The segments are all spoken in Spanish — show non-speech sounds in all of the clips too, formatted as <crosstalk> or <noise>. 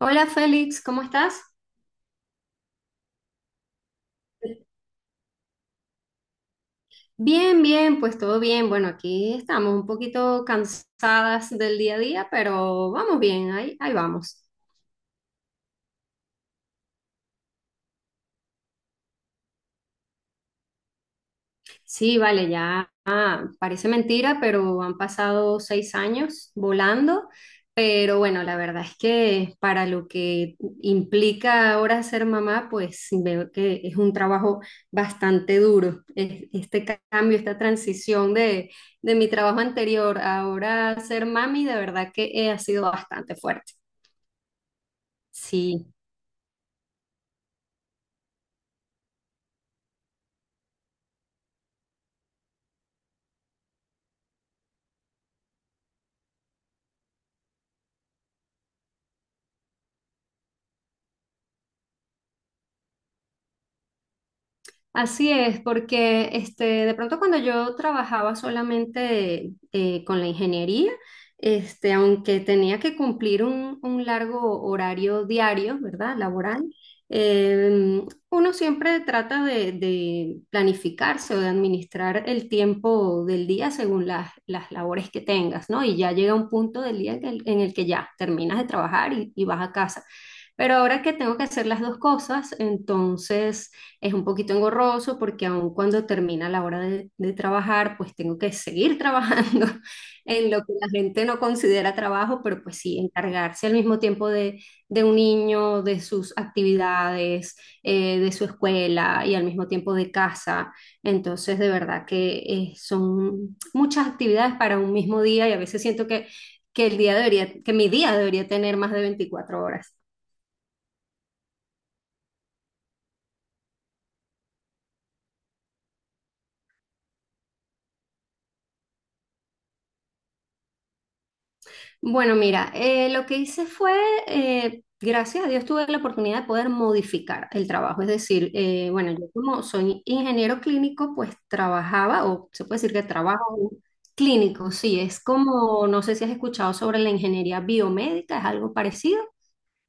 Hola Félix, ¿cómo estás? Bien, bien, pues todo bien. Bueno, aquí estamos un poquito cansadas del día a día, pero vamos bien, ahí vamos. Sí, vale, ya, parece mentira, pero han pasado 6 años volando. Pero bueno, la verdad es que para lo que implica ahora ser mamá, pues veo que es un trabajo bastante duro. Este cambio, esta transición de mi trabajo anterior a ahora ser mami, de verdad que ha sido bastante fuerte. Sí. Así es, porque de pronto cuando yo trabajaba solamente con la ingeniería, aunque tenía que cumplir un largo horario diario, ¿verdad? Laboral, eh, uno siempre trata de planificarse o de administrar el tiempo del día según las labores que tengas, ¿no? Y ya llega un punto del día en el que ya terminas de trabajar y vas a casa. Pero ahora que tengo que hacer las dos cosas, entonces es un poquito engorroso porque aun cuando termina la hora de trabajar, pues tengo que seguir trabajando <laughs> en lo que la gente no considera trabajo, pero pues sí, encargarse al mismo tiempo de un niño, de sus actividades, de su escuela y al mismo tiempo de casa. Entonces, de verdad que son muchas actividades para un mismo día y a veces siento que el día debería, que mi día debería tener más de 24 horas. Bueno, mira, lo que hice fue, gracias a Dios tuve la oportunidad de poder modificar el trabajo. Es decir, bueno, yo como soy ingeniero clínico, pues trabajaba, o se puede decir que trabajo clínico, sí, es como, no sé si has escuchado sobre la ingeniería biomédica, es algo parecido.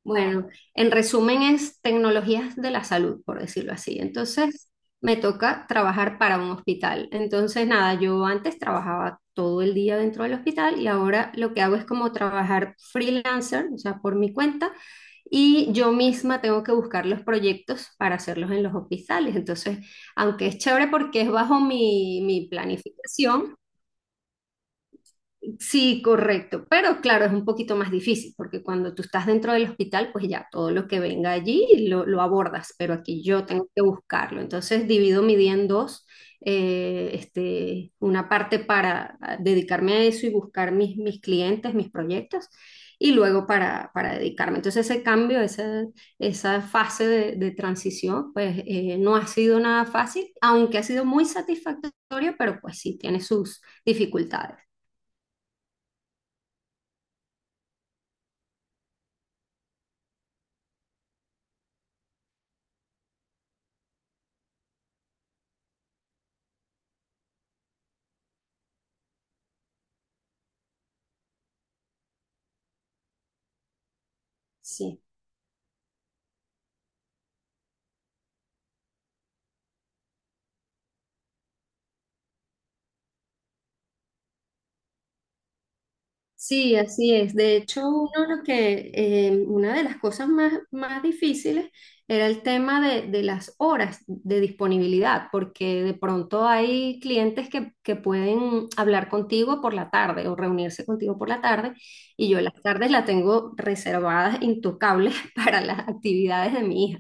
Bueno, en resumen es tecnologías de la salud, por decirlo así. Entonces, me toca trabajar para un hospital. Entonces, nada, yo antes trabajaba todo el día dentro del hospital y ahora lo que hago es como trabajar freelancer, o sea, por mi cuenta, y yo misma tengo que buscar los proyectos para hacerlos en los hospitales. Entonces, aunque es chévere porque es bajo mi planificación, sí, correcto, pero claro, es un poquito más difícil porque cuando tú estás dentro del hospital, pues ya todo lo que venga allí lo abordas, pero aquí yo tengo que buscarlo. Entonces divido mi día en dos, una parte para dedicarme a eso y buscar mis clientes, mis proyectos, y luego para dedicarme. Entonces ese cambio, esa fase de transición, pues no ha sido nada fácil, aunque ha sido muy satisfactorio, pero pues sí, tiene sus dificultades. Sí. Sí, así es. De hecho, uno una de las cosas más difíciles era el tema de las horas de disponibilidad, porque de pronto hay clientes que pueden hablar contigo por la tarde o reunirse contigo por la tarde, y yo las tardes las tengo reservadas, intocables <laughs> para las actividades de mi hija.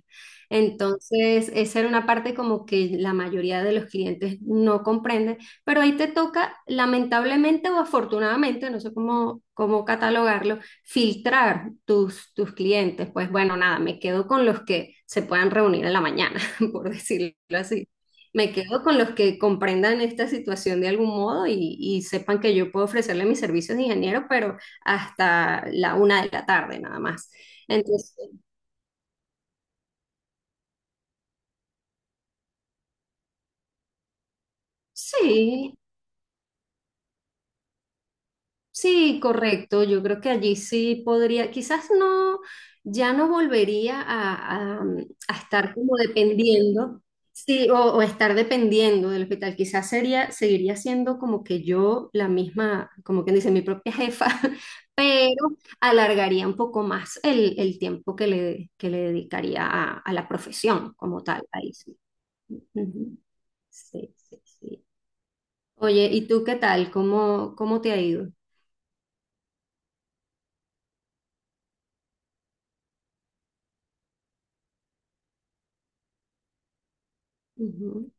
Entonces, esa era una parte como que la mayoría de los clientes no comprenden, pero ahí te toca, lamentablemente o afortunadamente, no sé cómo catalogarlo, filtrar tus clientes. Pues bueno, nada, me quedo con los que se puedan reunir en la mañana, <laughs> por decirlo así. Me quedo con los que comprendan esta situación de algún modo y sepan que yo puedo ofrecerle mis servicios de ingeniero, pero hasta la una de la tarde nada más. Entonces, sí, sí, correcto. Yo creo que allí sí podría, quizás no, ya no volvería a estar como dependiendo, sí, o estar dependiendo del hospital. Quizás sería, seguiría siendo como que yo la misma, como quien dice, mi propia jefa, <laughs> pero alargaría un poco más el tiempo que le dedicaría a la profesión como tal. Ahí sí. Ujú. Sí, sí, sí. Oye, ¿y tú qué tal? ¿Cómo te ha ido? Ujú.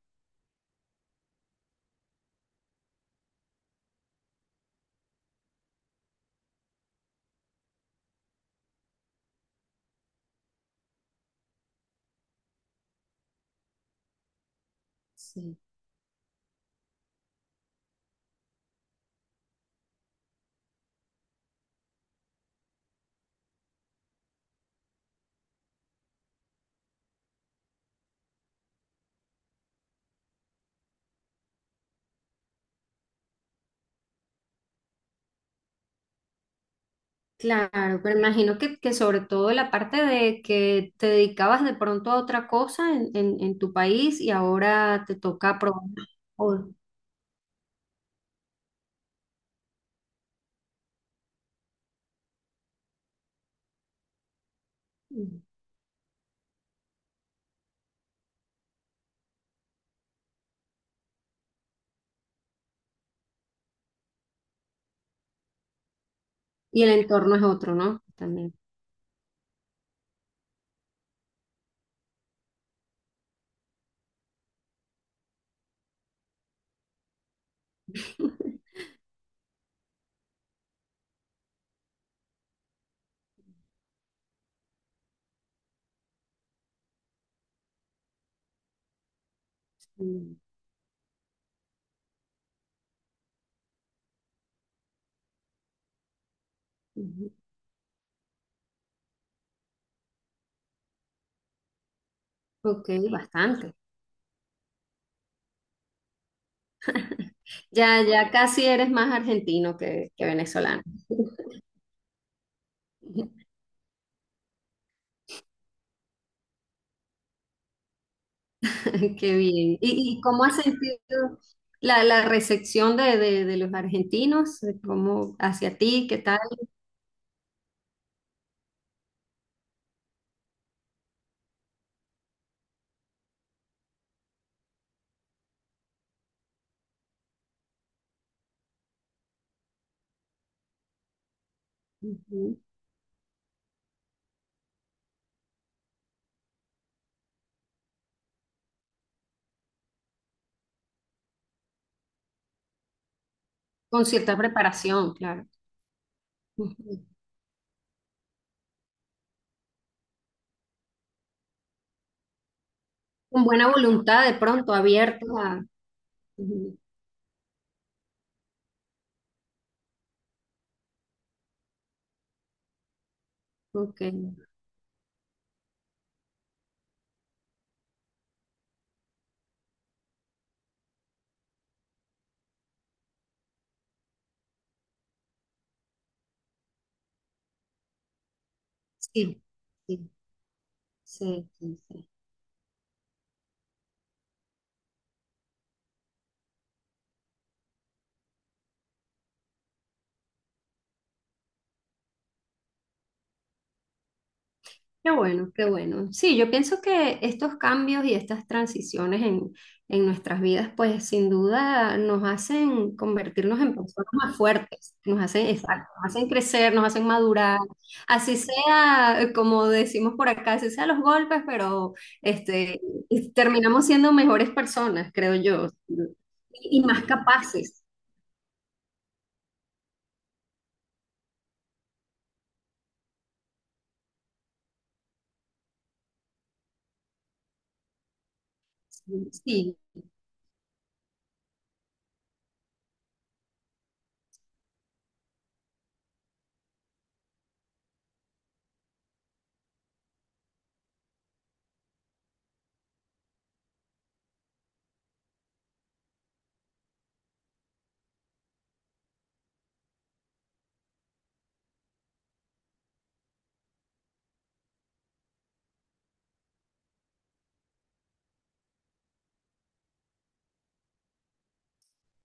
Sí, claro, pero imagino que sobre todo la parte de que te dedicabas de pronto a otra cosa en, en tu país y ahora te toca probar. o- Y el entorno es otro, ¿no? También. <laughs> Mm, ujú. Ok, bastante. Ya, ya casi eres más argentino que venezolano. <laughs> Qué bien. ¿Y cómo has sentido la recepción de los argentinos? ¿Cómo hacia ti? ¿Qué tal? Ujú. Con cierta preparación, claro. Ujú. Con buena voluntad, de pronto, abierto a. Ujú, ok, sí, sí, sí, sí. Sí. Qué bueno, qué bueno. Sí, yo pienso que estos cambios y estas transiciones en, nuestras vidas, pues sin duda nos hacen convertirnos en personas más fuertes, nos hacen, exacto, nos hacen crecer, nos hacen madurar, así sea, como decimos por acá, así sea los golpes, pero este, y terminamos siendo mejores personas, creo yo, y más capaces. Sí, sí,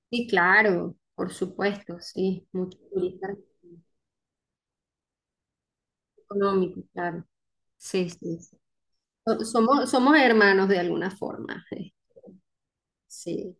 sí, claro, por supuesto, sí, mucho económico, claro. Sí, sí. Sí. Somos hermanos de alguna forma. Sí.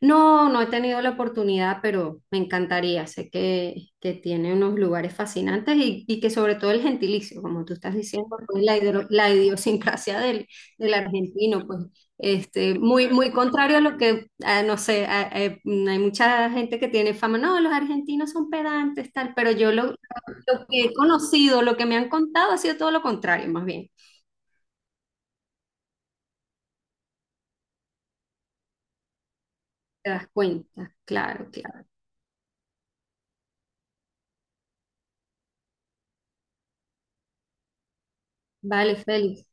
No, no he tenido la oportunidad, pero me encantaría. Sé que tiene unos lugares fascinantes y que sobre todo el gentilicio, como tú estás diciendo, pues, la idiosincrasia del argentino, pues muy, muy contrario a lo que, no sé, hay mucha gente que tiene fama, no, los argentinos son pedantes, tal, pero yo lo, que he conocido, lo que me han contado ha sido todo lo contrario, más bien. Te das cuenta, claro, claro. Vale, Félix.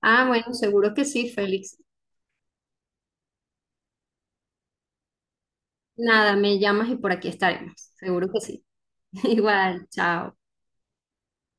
Ah, bueno, seguro que sí, Félix. Nada, me llamas y por aquí estaremos. Seguro que sí. <laughs> Igual, chao.